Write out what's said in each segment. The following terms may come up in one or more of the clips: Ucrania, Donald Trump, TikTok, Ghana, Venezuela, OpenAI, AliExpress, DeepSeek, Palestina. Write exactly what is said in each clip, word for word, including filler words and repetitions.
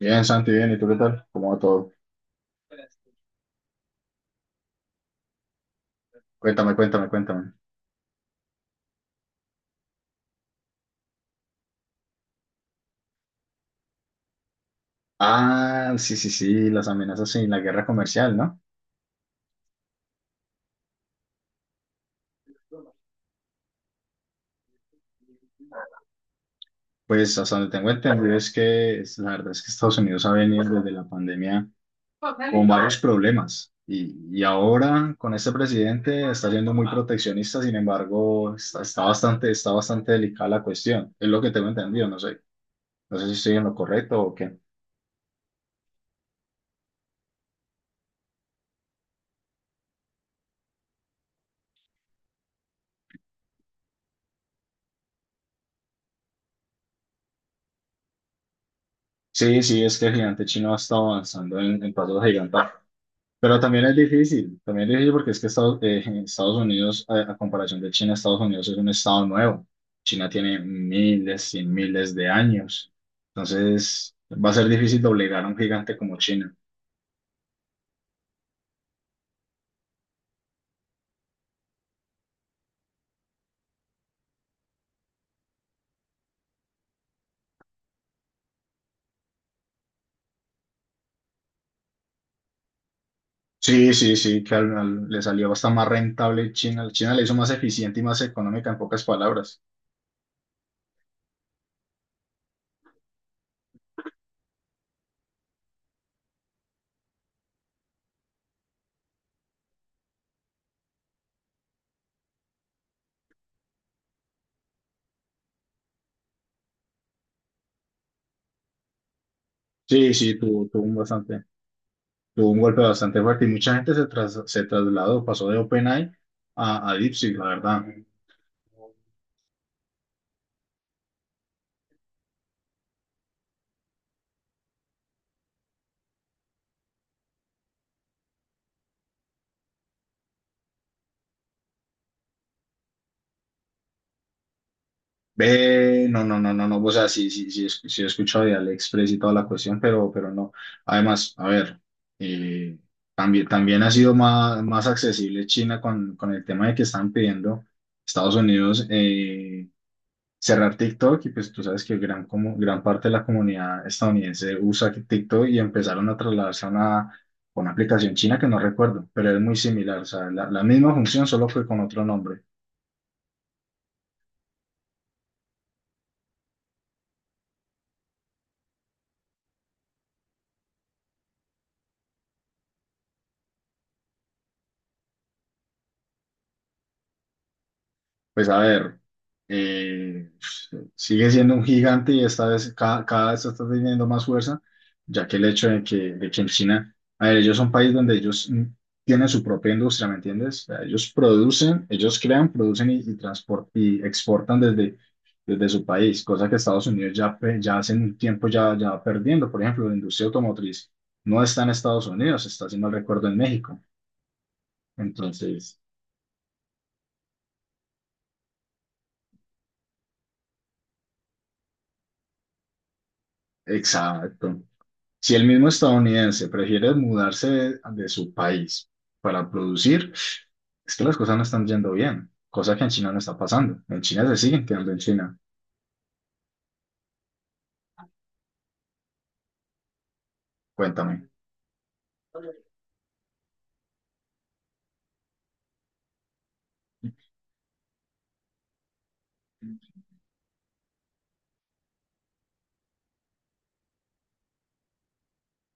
Bien, Santi, bien, ¿y tú qué tal? ¿Cómo va todo? Cuéntame, cuéntame, cuéntame. Ah, sí, sí, sí, las amenazas y la guerra comercial, ¿no? Pues hasta donde tengo entendido es que es- la verdad es que Estados Unidos ha venido desde la pandemia con varios problemas y, y ahora con este presidente está siendo muy proteccionista, sin embargo, está, está bastante, está bastante delicada la cuestión, es lo que tengo entendido, no sé, no sé si estoy en lo correcto o qué. Sí, sí, es que el gigante chino ha estado avanzando en, en pasos gigantes. Pero también es difícil, también es difícil porque es que Estados, eh, Estados Unidos, a, a comparación de China, Estados Unidos es un estado nuevo. China tiene miles y miles de años. Entonces, va a ser difícil doblegar a un gigante como China. Sí, sí, sí, que al- al- le salió bastante más rentable China. China le hizo más eficiente y más económica en pocas palabras. Sí, sí, tuvo, tuvo un bastante, tuvo un golpe bastante fuerte y mucha gente se, tras- se trasladó, pasó de OpenAI a, a DeepSeek, la verdad. Ve, no, no, no, no, no, o sea, sí, sí, sí, es- sí he escuchado de AliExpress y toda la cuestión, pero, pero no. Además, a ver, eh, también, también ha sido más, más accesible China con, con el tema de que están pidiendo Estados Unidos eh, cerrar TikTok y pues tú sabes que gran, como, gran parte de la comunidad estadounidense usa TikTok y empezaron a trasladarse a una, a una aplicación china que no recuerdo, pero es muy similar, o sea, la, la misma función solo que con otro nombre. Pues a ver, eh, sigue siendo un gigante y esta vez cada, cada vez está teniendo más fuerza, ya que el hecho de que, de que en China, a ver, ellos son un país donde ellos mm, tienen su propia industria, ¿me entiendes? O sea, ellos producen, ellos crean, producen y, y, transpor- y exportan desde, desde su país, cosa que Estados Unidos ya, pe- ya hace un tiempo ya, ya va perdiendo. Por ejemplo, la industria automotriz no está en Estados Unidos, está, si no recuerdo, en México. Entonces, exacto. Si el mismo estadounidense prefiere mudarse de, de su país para producir, es que las cosas no están yendo bien, cosa que en China no está pasando. En China se siguen quedando en China. Cuéntame.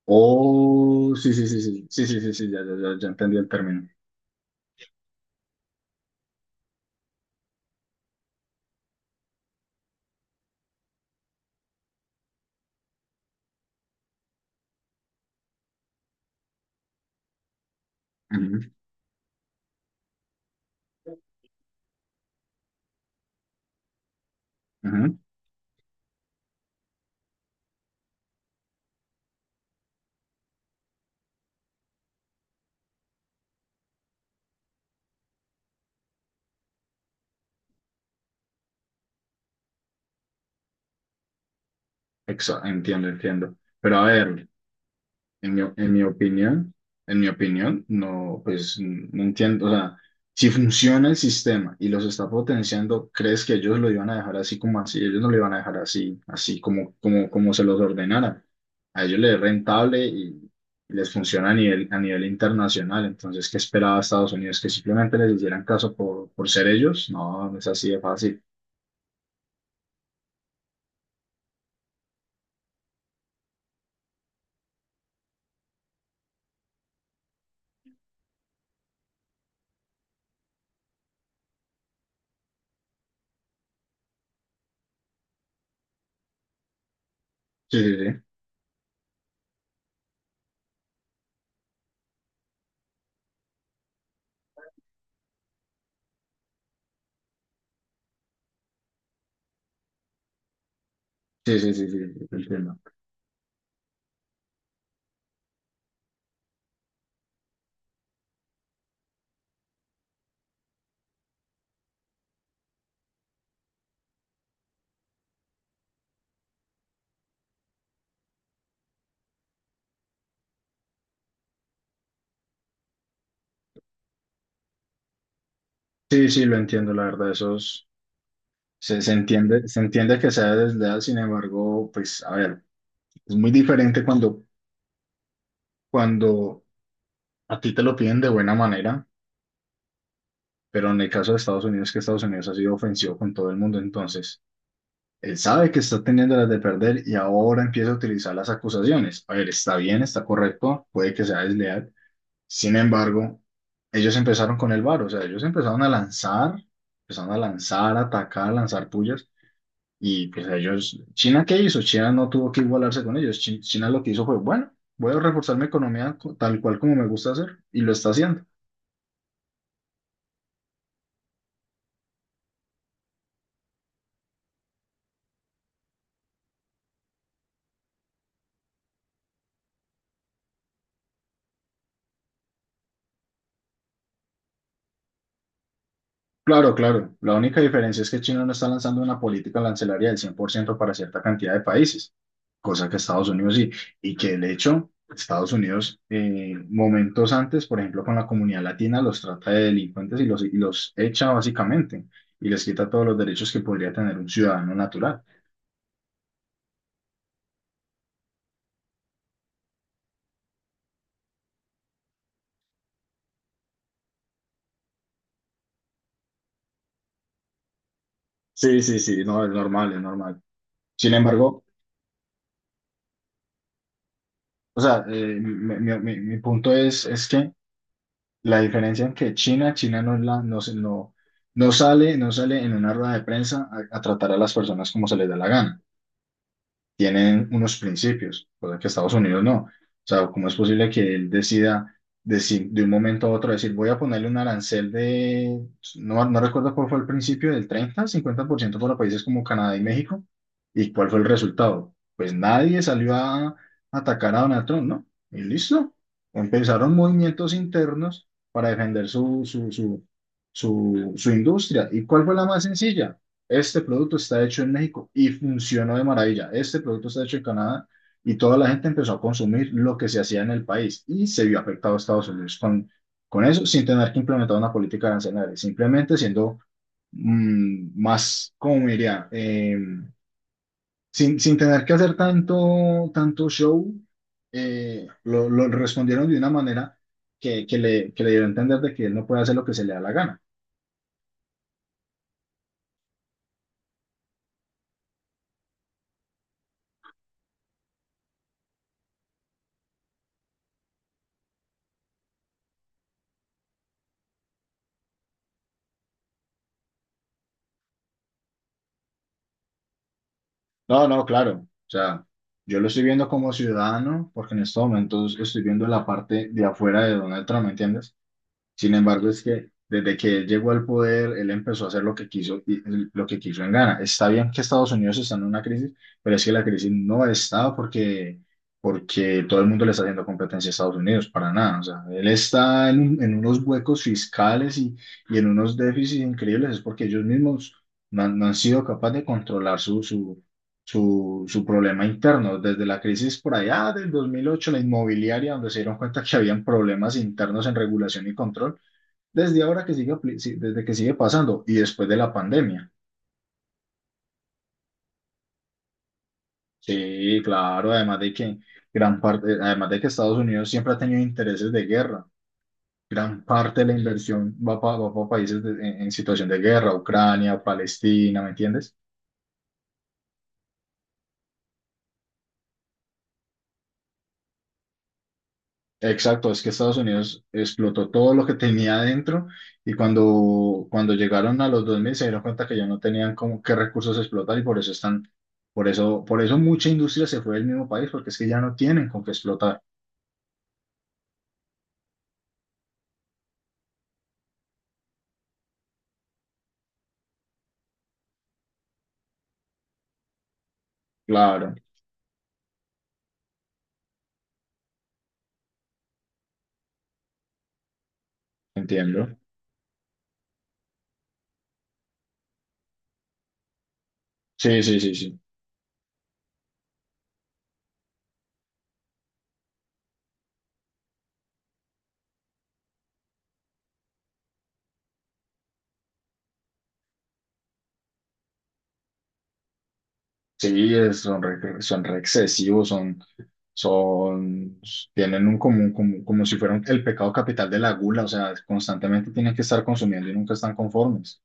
Oh, sí, sí, sí, sí, sí, sí, sí, sí, ya, ya, ya, ya entendí el término. Ujú, ujú. Exa- entiendo, entiendo. Pero a ver, En mi, en mi opinión, en mi opinión, no, pues n- no entiendo, o sea, si funciona el sistema y los está potenciando, ¿crees que ellos lo iban a dejar así como así? Ellos no lo iban a dejar así, así como, como, como se los ordenara. A ellos les es rentable y les funciona a nivel, a nivel internacional. Entonces, ¿qué esperaba Estados Unidos? ¿Que simplemente les hicieran caso por, por ser ellos? No, no es así de fácil. Sí, sí, sí. Sí, sí, sí, sí, sí, lo entiendo. Sí, sí, lo entiendo, la verdad. Esos, Se, se entiende, se entiende que sea desleal, sin embargo, pues a ver, es muy diferente cuando, cuando a ti te lo piden de buena manera, pero en el caso de Estados Unidos, que Estados Unidos ha sido ofensivo con todo el mundo, entonces él sabe que está teniendo las de perder y ahora empieza a utilizar las acusaciones. A ver, está bien, está correcto, puede que sea desleal, sin embargo, ellos empezaron con el V A R, o sea, ellos empezaron a lanzar, empezaron a lanzar, a atacar, a lanzar pullas. Y pues ellos, ¿China qué hizo? China no tuvo que igualarse con ellos. Chi- China lo que hizo fue, bueno, voy a reforzar mi economía co- tal cual como me gusta hacer y lo está haciendo. Claro, claro. La única diferencia es que China no está lanzando una política arancelaria del cien por ciento para cierta cantidad de países, cosa que Estados Unidos sí. Y que el hecho, Estados Unidos, eh, momentos antes, por ejemplo, con la comunidad latina, los trata de delincuentes y los, y los echa básicamente y les quita todos los derechos que podría tener un ciudadano natural. Sí, sí, sí, no, es normal, es normal. Sin embargo, o sea, eh, mi, mi- mi- mi punto es, es que la diferencia en que China, China no, es la, no, se- no, no sale, no sale en una rueda de prensa a, a tratar a las personas como se les da la gana. Tienen unos principios, cosa que Estados Unidos no. O sea, ¿cómo es posible que él decida decir, de un momento a otro decir, voy a ponerle un arancel de, no, no recuerdo cuál fue el principio, del treinta, cincuenta por ciento para países como Canadá y México? ¿Y cuál fue el resultado? Pues nadie salió a atacar a Donald Trump, ¿no? Y listo. Empezaron movimientos internos para defender su, su, su, su, su industria. ¿Y cuál fue la más sencilla? Este producto está hecho en México y funcionó de maravilla. Este producto está hecho en Canadá y toda la gente empezó a consumir lo que se hacía en el país y se vio afectado a Estados Unidos con, con eso, sin tener que implementar una política arancelaria, simplemente siendo mm, más, cómo diría, Eh, sin, sin tener que hacer tanto, tanto show, eh, lo, lo respondieron de una manera que, que le, que le dio a entender de que él no puede hacer lo que se le da la gana. No, no, claro. O sea, yo lo estoy viendo como ciudadano porque en estos momentos estoy viendo la parte de afuera de Donald Trump, ¿me entiendes? Sin embargo, es que desde que él llegó al poder, él empezó a hacer lo que quiso y lo que quiso en Ghana. Está bien que Estados Unidos está en una crisis, pero es que la crisis no está porque, porque todo el mundo le está haciendo competencia a Estados Unidos, para nada. O sea, él está en, un- en unos huecos fiscales y, y en unos déficits increíbles, es porque ellos mismos no han, no han sido capaces de controlar su, su su, su problema interno. Desde la crisis por allá del dos mil ocho, la inmobiliaria, donde se dieron cuenta que habían problemas internos en regulación y control, desde ahora que sigue, apli- sí, desde que sigue pasando y después de la pandemia. Sí, claro, además de que gran parte, además de que Estados Unidos siempre ha tenido intereses de guerra. Gran parte de la inversión va para países de- en, en situación de guerra, Ucrania, Palestina, ¿me entiendes? Exacto, es que Estados Unidos explotó todo lo que tenía adentro y cuando, cuando llegaron a los dos mil se dieron cuenta que ya no tenían como qué recursos explotar y por eso están, por eso, por eso mucha industria se fue del mismo país porque es que ya no tienen con qué explotar. Claro, entiendo. Sí, sí, sí, sí. Sí, es- son re, son re excesivos, son, son, tienen un común, como, como si fueran el pecado capital de la gula, o sea, constantemente tienen que estar consumiendo y nunca están conformes.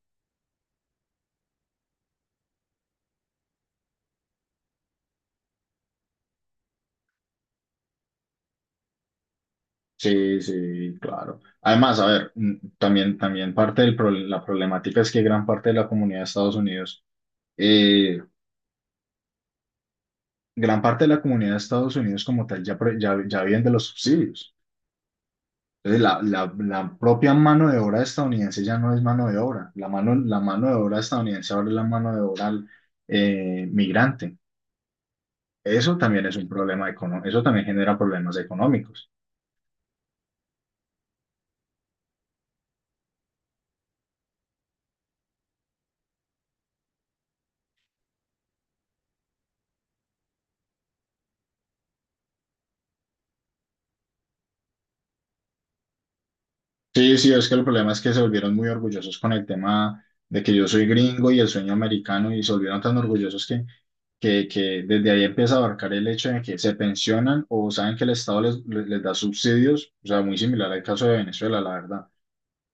Sí, sí, claro. Además, a ver, mm, también, también parte de la problemática es que gran parte de la comunidad de Estados Unidos, eh, gran parte de la comunidad de Estados Unidos como tal ya, pre- ya, ya viven de los subsidios. Entonces, la, la, la propia mano de obra estadounidense ya no es mano de obra. La mano, la mano de obra estadounidense ahora es la mano de obra eh, migrante. Eso también es un problema económico, eso también genera problemas económicos. Sí, sí, es que el problema es que se volvieron muy orgullosos con el tema de que yo soy gringo y el sueño americano y se volvieron tan orgullosos que, que, que desde ahí empieza a abarcar el hecho de que se pensionan o saben que el Estado les, les, les da subsidios, o sea, muy similar al caso de Venezuela, la verdad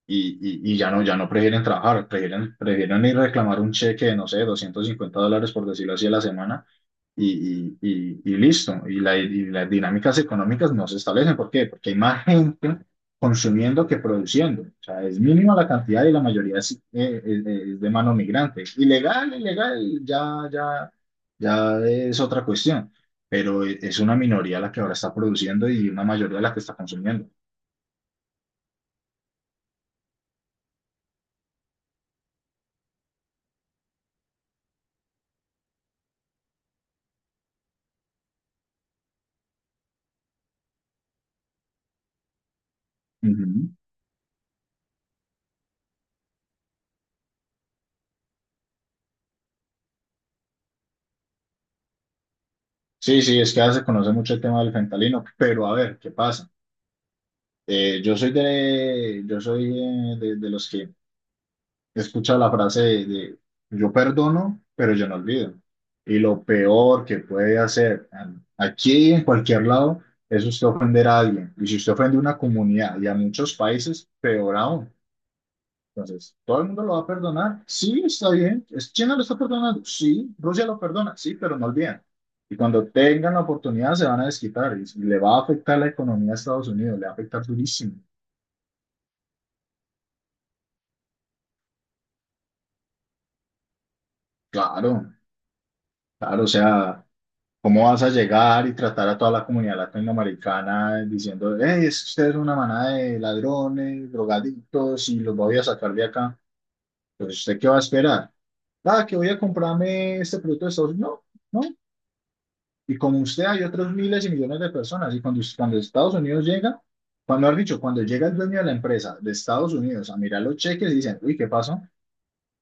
y, y, y ya no, ya no prefieren trabajar, prefieren, prefieren ir a reclamar un cheque de, no sé, doscientos cincuenta dólares, por decirlo así, a la semana, y, y, y, y listo. Y, la, y las dinámicas económicas no se establecen. ¿Por qué? Porque hay más gente consumiendo que produciendo. O sea, es mínima la cantidad y la mayoría es, eh, es- es de mano migrante. Ilegal, ilegal, ya, ya, ya es otra cuestión. Pero es una minoría la que ahora está produciendo y una mayoría la que está consumiendo. Ujú. Sí, sí, es que ya se conoce mucho el tema del fentanilo, pero a ver, ¿qué pasa? Eh, yo soy de, yo soy eh, de, de los que escucha la frase de, de, yo perdono, pero yo no olvido. Y lo peor que puede hacer eh, aquí y en cualquier lado es usted ofender a alguien. Y si usted ofende a una comunidad y a muchos países, peor aún. Entonces, ¿todo el mundo lo va a perdonar? Sí, está bien. ¿Es- ¿China lo está perdonando? Sí. ¿Rusia lo perdona? Sí, pero no olviden. Y cuando tengan la oportunidad se van a desquitar y, y le va a afectar la economía a Estados Unidos, le va a afectar durísimo. Claro, claro, o sea, ¿cómo vas a llegar y tratar a toda la comunidad latinoamericana diciendo, hey, es que usted es una manada de ladrones, drogadictos y los voy a sacar de acá? Pues, ¿usted qué va a esperar? Ah, que voy a comprarme este producto de Estados Unidos. No, no. Y como usted hay otros miles y millones de personas. Y cuando, cuando Estados Unidos llega, cuando han dicho, cuando llega el dueño de la empresa de Estados Unidos a mirar los cheques y dicen, uy, ¿qué pasó?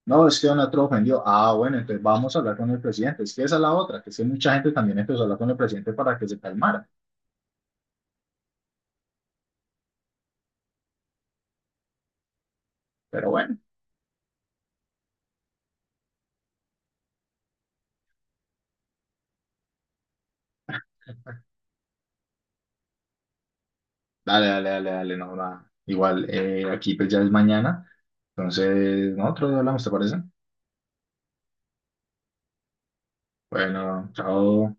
No, es que Donald Trump ofendió. Ah, bueno, entonces vamos a hablar con el presidente. Es que esa es la otra, que es que mucha gente también empezó a hablar con el presidente para que se calmara. Pero bueno, dale, dale, dale, dale, no, va. Igual eh, aquí pues ya es mañana. Entonces, nosotros hablamos, ¿te parece? Bueno, chao.